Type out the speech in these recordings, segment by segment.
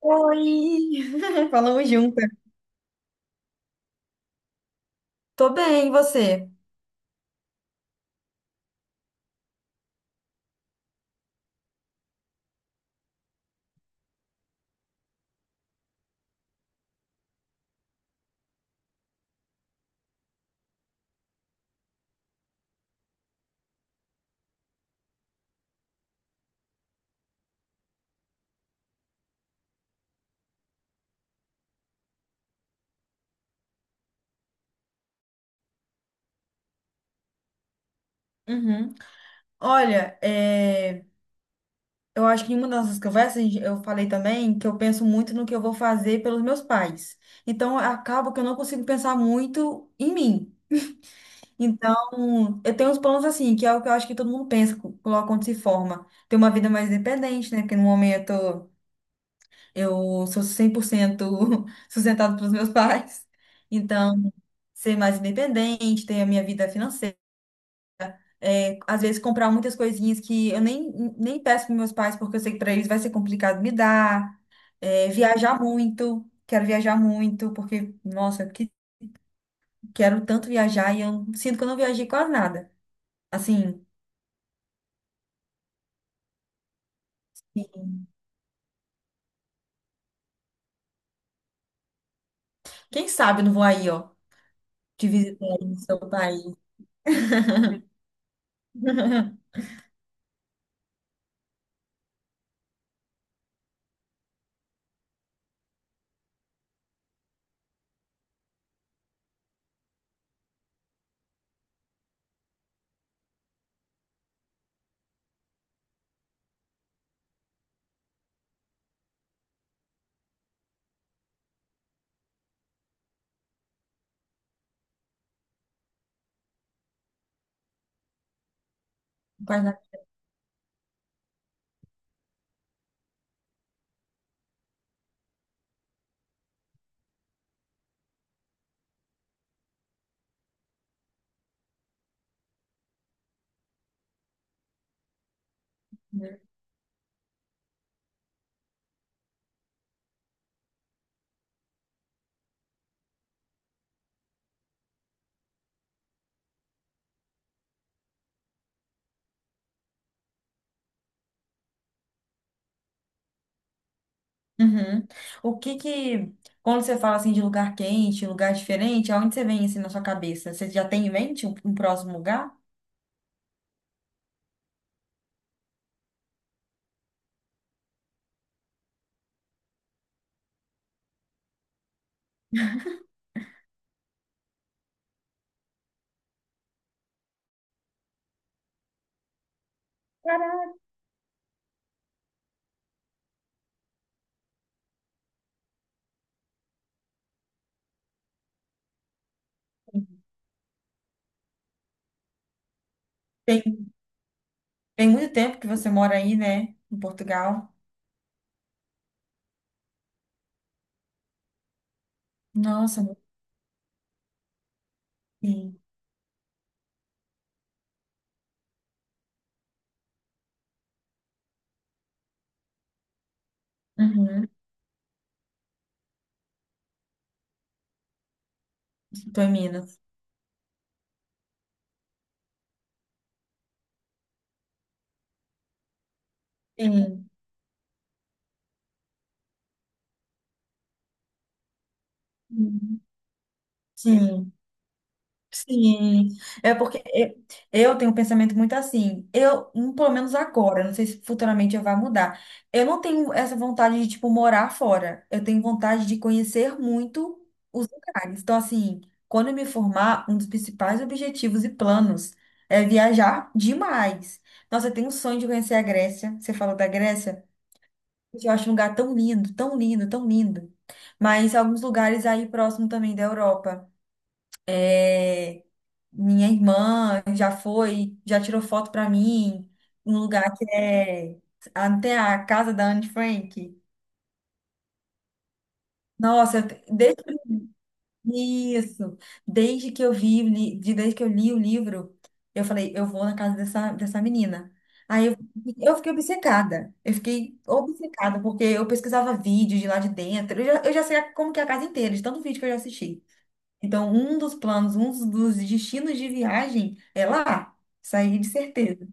Oi! Falamos juntas. Tô bem, e você? Uhum. Olha, eu acho que em uma das nossas conversas eu falei também que eu penso muito no que eu vou fazer pelos meus pais. Então, acaba que eu não consigo pensar muito em mim. Então, eu tenho uns planos assim, que é o que eu acho que todo mundo pensa, coloca quando se forma. Ter uma vida mais independente, né? Porque no momento eu sou 100% sustentado pelos meus pais. Então, ser mais independente, ter a minha vida financeira. Às vezes comprar muitas coisinhas que eu nem peço para meus pais, porque eu sei que para eles vai ser complicado me dar. Viajar muito, quero viajar muito, porque, nossa, quero tanto viajar e eu sinto que eu não viajei quase nada. Assim, quem sabe eu não vou aí, ó, te visitar aí no seu país. Quase nada. Uhum. O que que, quando você fala assim de lugar quente, lugar diferente, aonde você vem assim na sua cabeça? Você já tem em mente um próximo lugar? Caraca. Tem Tem muito tempo que você mora aí, né? Em Portugal. Nossa, sim. Uhum. Tô em Minas. Sim. Uhum. Sim. Sim, é porque eu tenho um pensamento muito assim. Eu, pelo menos agora, não sei se futuramente eu vai mudar. Eu não tenho essa vontade de, tipo, morar fora. Eu tenho vontade de conhecer muito os lugares. Então, assim, quando eu me formar, um dos principais objetivos e planos é viajar demais. Nossa, eu tenho um sonho de conhecer a Grécia. Você falou da Grécia? Eu acho um lugar tão lindo, tão lindo, tão lindo. Mas alguns lugares aí próximo também da Europa. É... Minha irmã já foi, já tirou foto pra mim, um lugar que é até a casa da Anne Frank. Nossa, desde isso, desde que eu vi, desde que eu li o livro, eu falei, eu vou na casa dessa menina. Aí eu fiquei obcecada, eu fiquei obcecada, porque eu pesquisava vídeos de lá de dentro, eu já sei como que é a casa inteira, de tanto vídeo que eu já assisti. Então, um dos planos, um dos destinos de viagem é lá, isso aí de certeza.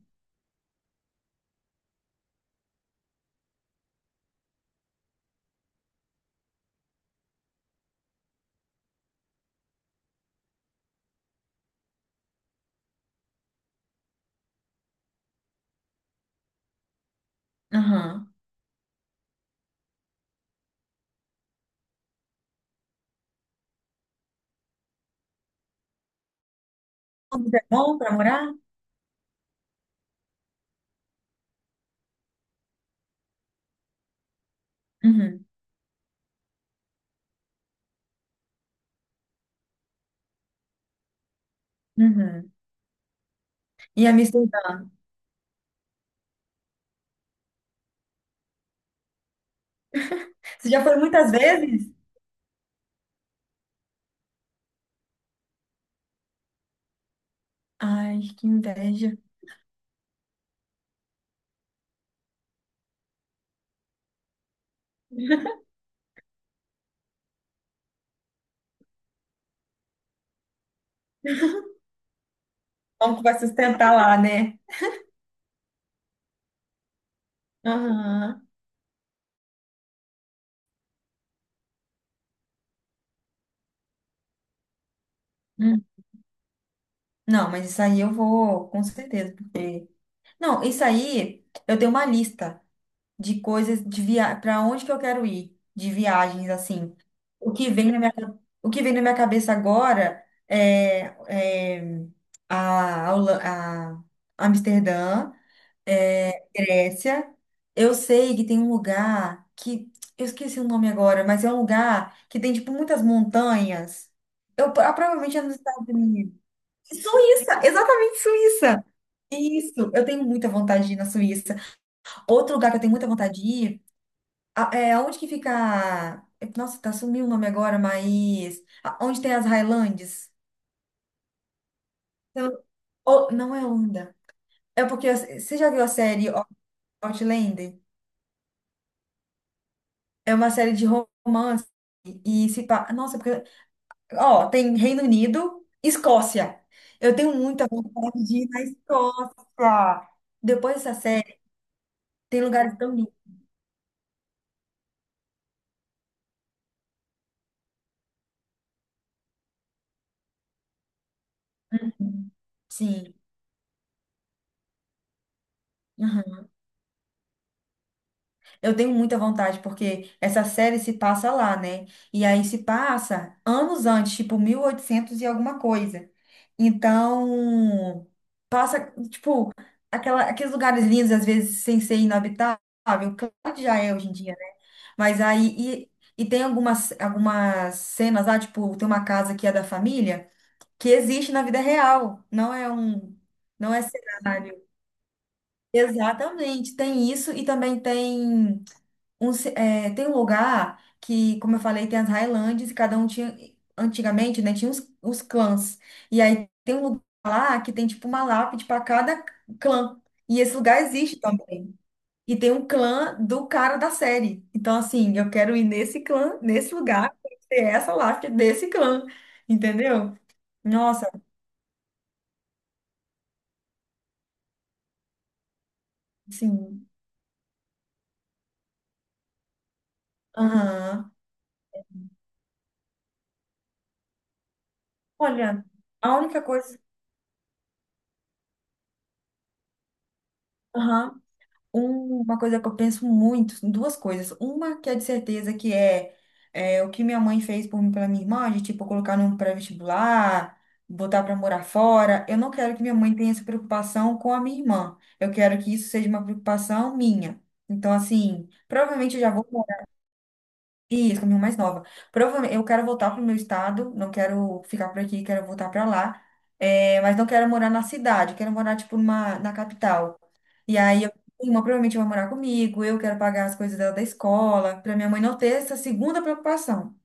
Aham. Londres é bom para morar? Uhum. Uhum. E Amsterdã? Você já foi muitas vezes? Ai, que inveja. Como que vai sustentar lá, né? Aham. Hum. Não, mas isso aí eu vou, com certeza, porque... Não, isso aí eu tenho uma lista de coisas, para onde que eu quero ir, de viagens, assim. O que vem na minha, o que vem na minha cabeça agora é, é a, Holan- a Amsterdã, Grécia. Eu sei que tem um lugar que eu esqueci o nome agora, mas é um lugar que tem tipo muitas montanhas. Eu provavelmente é nos Estados Unidos. Suíça, exatamente Suíça. Isso, eu tenho muita vontade de ir na Suíça. Outro lugar que eu tenho muita vontade de ir, é onde que fica. Nossa, tá sumiu o nome agora, mas onde tem as Highlands? Eu- Não é onda. É porque você já viu a série Outlander? É uma série de romance e se pa... Nossa, porque... Ó, tem Reino Unido, Escócia. Eu tenho muita vontade de ir na Escócia. Depois dessa série, tem lugares tão lindos. Sim. Aham. Eu tenho muita vontade, porque essa série se passa lá, né? E aí se passa anos antes, tipo 1800 e oitocentos e alguma coisa. Então, passa, tipo, aqueles lugares lindos, às vezes, sem ser inabitável. Claro que já é hoje em dia, né? Mas aí, e tem algumas cenas lá, tipo, tem uma casa que é da família, que existe na vida real, não é cenário. Exatamente, tem isso e também tem um lugar que, como eu falei, tem as Highlands e cada um tinha, antigamente, né, tinha os clãs. E aí tem um lugar lá que tem, tipo, uma lápide para cada clã. E esse lugar existe também. E tem um clã do cara da série. Então, assim, eu quero ir nesse clã, nesse lugar, ter essa lápide desse clã. Entendeu? Nossa, assim. Aham. Olha, a única coisa. Aham. Uma coisa que eu penso muito, duas coisas. Uma que é de certeza que é, o que minha mãe fez por mim, pela minha irmã, de tipo colocar num pré-vestibular, botar para morar fora. Eu não quero que minha mãe tenha essa preocupação com a minha irmã. Eu quero que isso seja uma preocupação minha. Então, assim, provavelmente eu já vou morar. Isso, com a minha irmã mais nova. Provavelmente eu quero voltar para o meu estado, não quero ficar por aqui, quero voltar para lá. É, mas não quero morar na cidade, quero morar, tipo, numa, na capital. E aí minha irmã provavelmente vai morar comigo, eu quero pagar as coisas dela da escola, para minha mãe não ter essa segunda preocupação.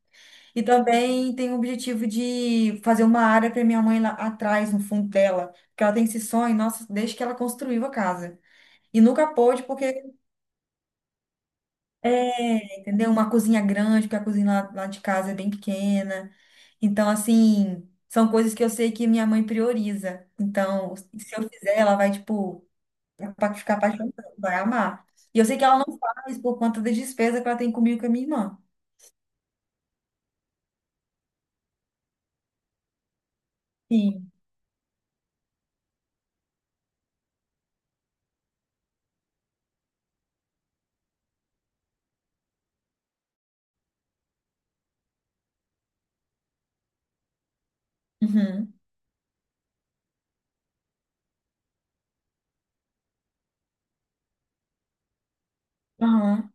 E também tem o objetivo de fazer uma área para minha mãe lá atrás, no fundo dela, porque ela tem esse sonho, nossa, desde que ela construiu a casa. E nunca pôde, porque entendeu? Uma cozinha grande, porque a cozinha lá de casa é bem pequena. Então, assim, são coisas que eu sei que minha mãe prioriza. Então, se eu fizer, ela vai, tipo, Pra ficar apaixonada, vai amar. E eu sei que ela não faz por conta das despesas que ela tem comigo e com a minha irmã. Sim. Uhum. Aham.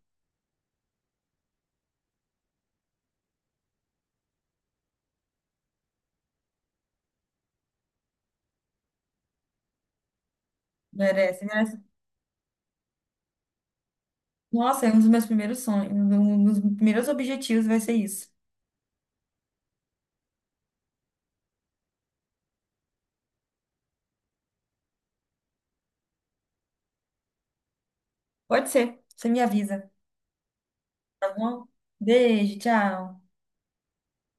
Merece, merece. Nossa, é um dos meus primeiros sonhos, um dos primeiros objetivos vai ser isso. Pode ser, você me avisa, tá bom? Beijo, tchau.